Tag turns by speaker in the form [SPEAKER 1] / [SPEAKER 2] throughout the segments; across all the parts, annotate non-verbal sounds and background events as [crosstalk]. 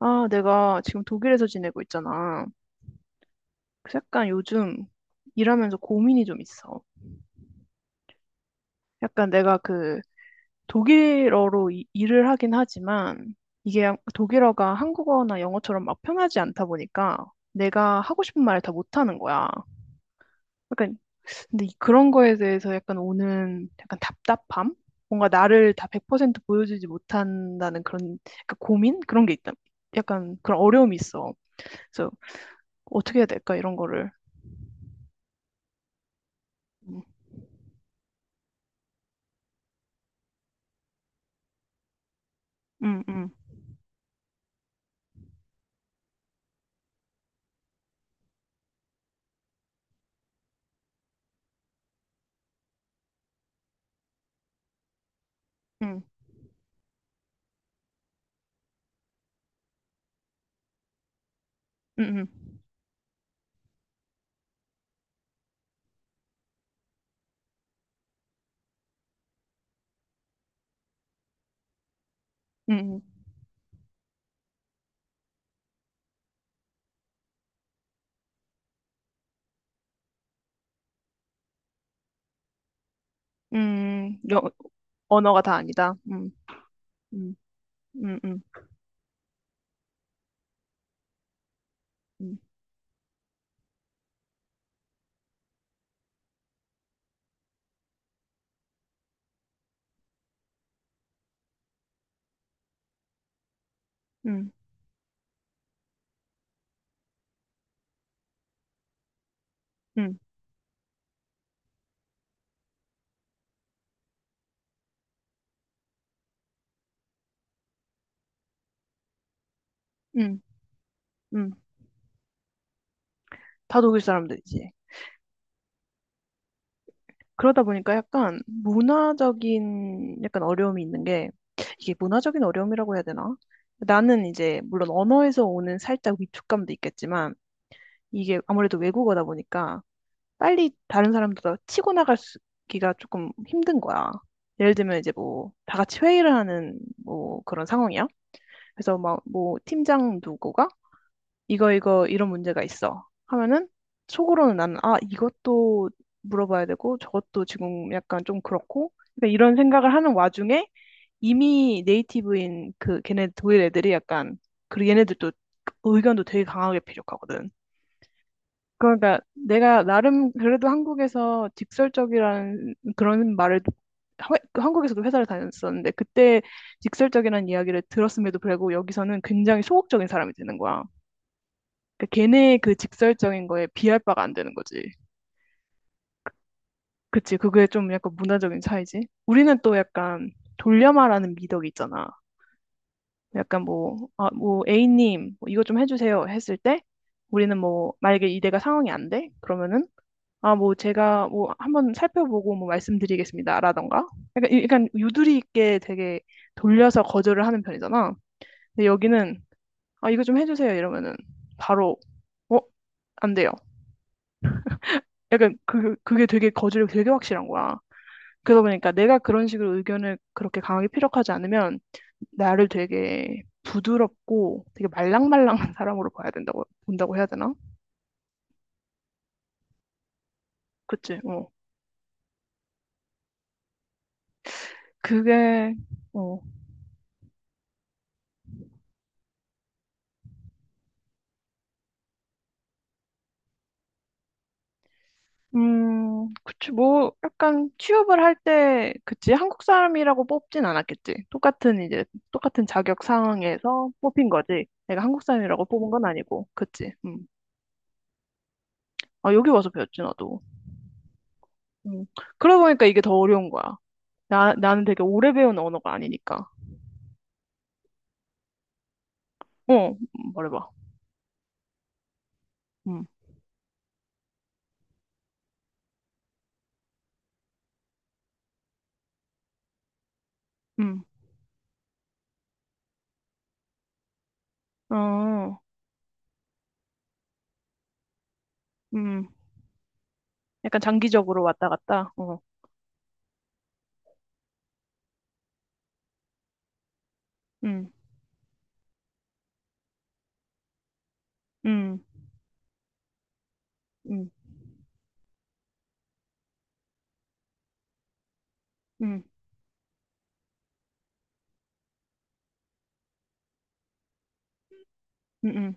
[SPEAKER 1] 아, 내가 지금 독일에서 지내고 있잖아. 그래서 약간 요즘 일하면서 고민이 좀 있어. 약간 내가 그 독일어로 일을 하긴 하지만 이게 독일어가 한국어나 영어처럼 막 편하지 않다 보니까 내가 하고 싶은 말을 다 못하는 거야. 약간 근데 그런 거에 대해서 약간 오는 약간 답답함? 뭔가 나를 다 100% 보여주지 못한다는 그런 약간 고민? 그런 게 있다. 약간 그런 어려움이 있어. 그래서 어떻게 해야 될까? 이런 거를. 음, 음. 음, 음, 음, 음, 음, 여, 언어가 다 아니다. 음, 음, 음, 음, 음, 음, 음, 음. 다 독일 사람들이지. 그러다 보니까 약간 문화적인 약간 어려움이 있는 게 이게 문화적인 어려움이라고 해야 되나? 나는 이제 물론 언어에서 오는 살짝 위축감도 있겠지만 이게 아무래도 외국어다 보니까 빨리 다른 사람들과 치고 나가기가 조금 힘든 거야. 예를 들면 이제 뭐 다 같이 회의를 하는 뭐 그런 상황이야. 그래서 막 뭐 팀장 누구가 이거 이거 이런 문제가 있어 하면은 속으로는 나는 아 이것도 물어봐야 되고 저것도 지금 약간 좀 그렇고 그러니까 이런 생각을 하는 와중에 이미 네이티브인 그 걔네 독일 애들이 약간 그리고 얘네들도 의견도 되게 강하게 필요하거든. 그러니까 내가 나름 그래도 한국에서 직설적이라는 그런 말을 하- 한국에서도 회사를 다녔었는데 그때 직설적이라는 이야기를 들었음에도 불구하고 여기서는 굉장히 소극적인 사람이 되는 거야. 그러니까 걔네의 그 직설적인 거에 비할 바가 안 되는 거지. 그치, 그게 좀 약간 문화적인 차이지. 우리는 또 약간 돌려 말하는 미덕이 있잖아. 약간 뭐, 아, 뭐, A님, 뭐 이거 좀 해주세요 했을 때 우리는 뭐, 만약에 이대가 상황이 안 돼? 그러면은 아, 뭐 제가 뭐 한번 살펴보고 뭐 말씀드리겠습니다라던가. 약간, 약간 유두리 있게 되게 돌려서 거절을 하는 편이잖아. 근데 여기는 아, 이거 좀 해주세요 이러면은 바로 어? 안 돼요. 약간 그게 되게 거절이 되게 확실한 거야. 그러다 보니까 내가 그런 식으로 의견을 그렇게 강하게 피력하지 않으면 나를 되게 부드럽고 되게 말랑말랑한 사람으로 봐야 된다고, 본다고 해야 되나? 그치? 어. 그게, 어, 그치, 뭐, 약간 취업을 할 때, 그치, 한국 사람이라고 뽑진 않았겠지. 똑같은 이제, 똑같은 자격 상황에서 뽑힌 거지. 내가 한국 사람이라고 뽑은 건 아니고, 그치. 음. 아, 여기 와서 배웠지, 나도. 음. 그러다 보니까 이게 더 어려운 거야. 나는 되게 오래 배운 언어가 아니니까. 어, 말해봐. 음, 음, 어, 음. 약간 장기적으로 왔다 갔다. 어, 음, 음, 음, 음, 음, 음,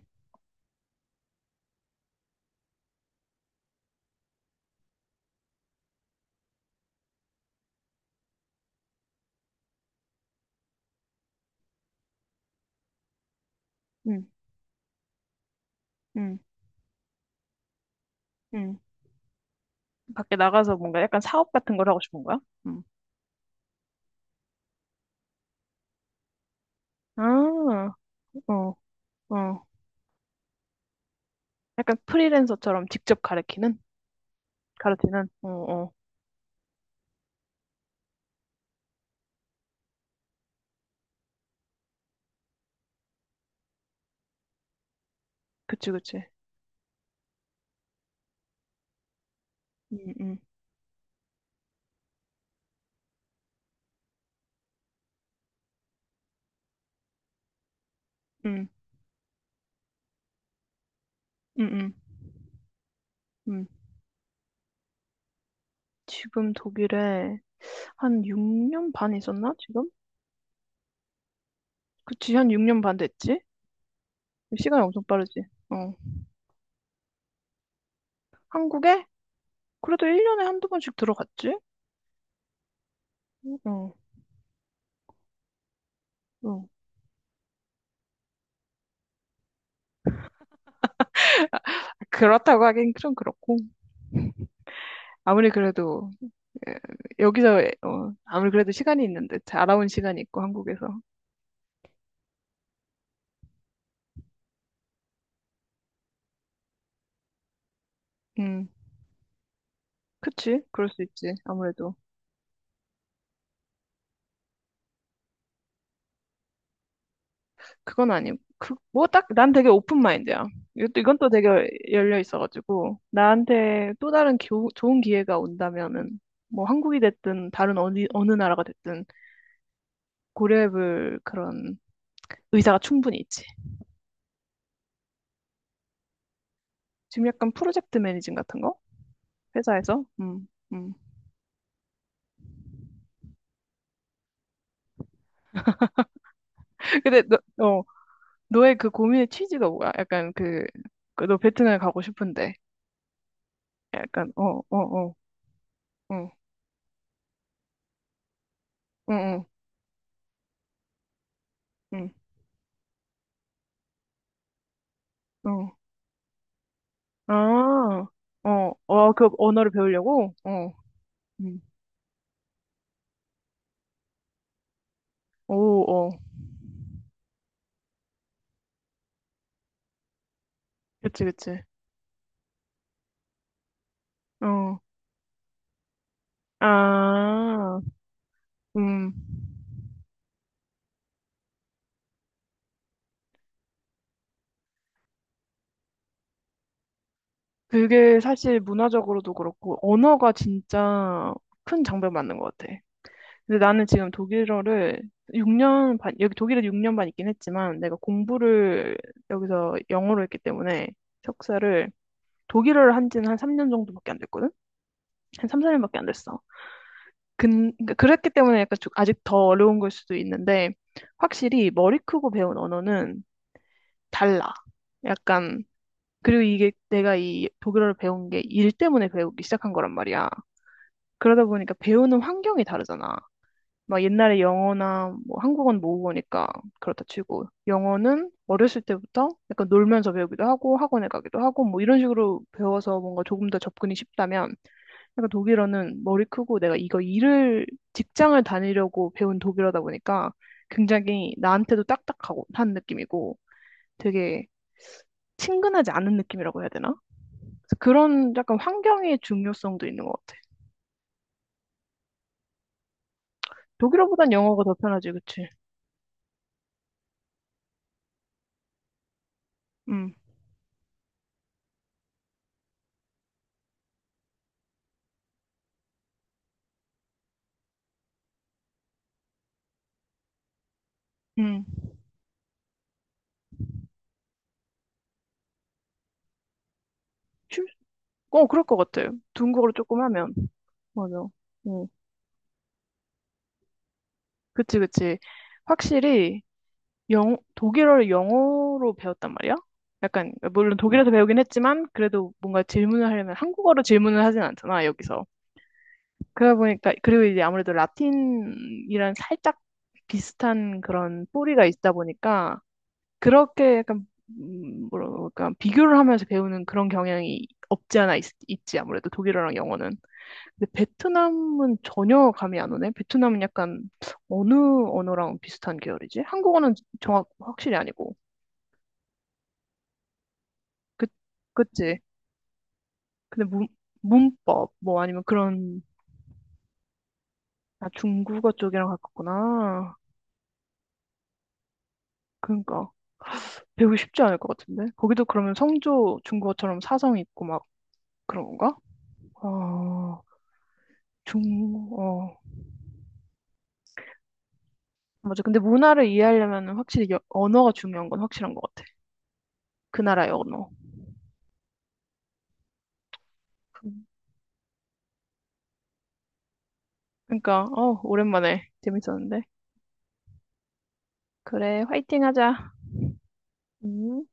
[SPEAKER 1] 음, 음, 음. 밖에 나가서 뭔가 약간 사업 같은 걸 하고 싶은 거야? 음. 아, 어, 어. 약간 프리랜서처럼 직접 가르치는? 가르치는? 어, 어. 그치, 그치. 음, 음, 음, 음, 음. 음. 지금 독일에 한 6년 반 있었나? 지금? 그치, 한 6년 반 됐지? 시간이 엄청 빠르지. 어. 한국에? 그래도 1년에 한두 번씩 들어갔지? 어, 어. 그렇다고 하긴 좀 그렇고. 아무리 그래도 에, 여기서 어, 아무리 그래도 시간이 있는데 알아온 시간이 있고 한국에서. 음, 그치? 그럴 수 있지. 아무래도 그건 아니. 그, 뭐 딱 난 되게 오픈 마인드야. 이것도 이건 또 되게 열려 있어가지고 나한테 또 다른 좋은 기회가 온다면은 뭐 한국이 됐든 다른 어디 어느 나라가 됐든 고려해볼 그런 의사가 충분히 있지. 지금 약간 프로젝트 매니징 같은 거 회사에서. 음. [laughs] 근데 너, 너의 그 고민의 취지가 뭐야? 약간 그, 그 너 베트남에 가고 싶은데. 약간, 어, 어, 어, 응, 응, 응, 응, 응. 아, 어, 어, 그 언어를 배우려고? 어, 응. 오, 어. 그치, 그치. 어, 아, 음. 그게 사실 문화적으로도 그렇고, 언어가 진짜 큰 장벽 맞는 것 같아. 근데 나는 지금 독일어를 6년 반, 여기 독일에 6년 반 있긴 했지만 내가 공부를 여기서 영어로 했기 때문에 석사를 독일어를 한 지는 한 3년 정도밖에 안 됐거든? 한 3, 4년밖에 안 됐어. 근, 그러니까 그랬기 때문에 약간 좀 아직 더 어려운 걸 수도 있는데 확실히 머리 크고 배운 언어는 달라. 약간, 그리고 이게 내가 이 독일어를 배운 게 일 때문에 배우기 시작한 거란 말이야. 그러다 보니까 배우는 환경이 다르잖아. 막 옛날에 영어나 뭐 한국어는 모국어니까 그렇다 치고 영어는 어렸을 때부터 약간 놀면서 배우기도 하고 학원에 가기도 하고 뭐 이런 식으로 배워서 뭔가 조금 더 접근이 쉽다면 약간 독일어는 머리 크고 내가 이거 일을 직장을 다니려고 배운 독일어다 보니까 굉장히 나한테도 딱딱하고 한 느낌이고 되게 친근하지 않은 느낌이라고 해야 되나? 그래서 그런 약간 환경의 중요성도 있는 것 같아. 독일어보단 영어가 더 편하지, 그치? 응, 응. 어, 그럴 것 같아요. 중국어로 조금 하면. 맞아. 응. 그치, 그치. 확실히 영, 독일어를 영어로 배웠단 말이야? 약간, 물론 독일에서 배우긴 했지만, 그래도 뭔가 질문을 하려면 한국어로 질문을 하진 않잖아, 여기서. 그러다 보니까, 그리고 이제 아무래도 라틴이랑 살짝 비슷한 그런 뿌리가 있다 보니까, 그렇게 약간, 뭐랄까, 비교를 하면서 배우는 그런 경향이 없지 않아 있, 있지, 아무래도 독일어랑 영어는. 근데 베트남은 전혀 감이 안 오네. 베트남은 약간 어느 언어랑 비슷한 계열이지? 한국어는 정확 확실히 아니고. 그 그치? 근데 문, 문법 뭐 아니면 그런 아 중국어 쪽이랑 가깝구나. 그러니까 배우기 쉽지 않을 것 같은데. 거기도 그러면 성조 중국어처럼 사성 있고 막 그런 건가? 어, 중, 어. 맞아. 근데 문화를 이해하려면 확실히 여- 언어가 중요한 건 확실한 것 같아. 그 나라의 언어. 그러니까 어 오랜만에 재밌었는데. 그래, 화이팅 하자. 음.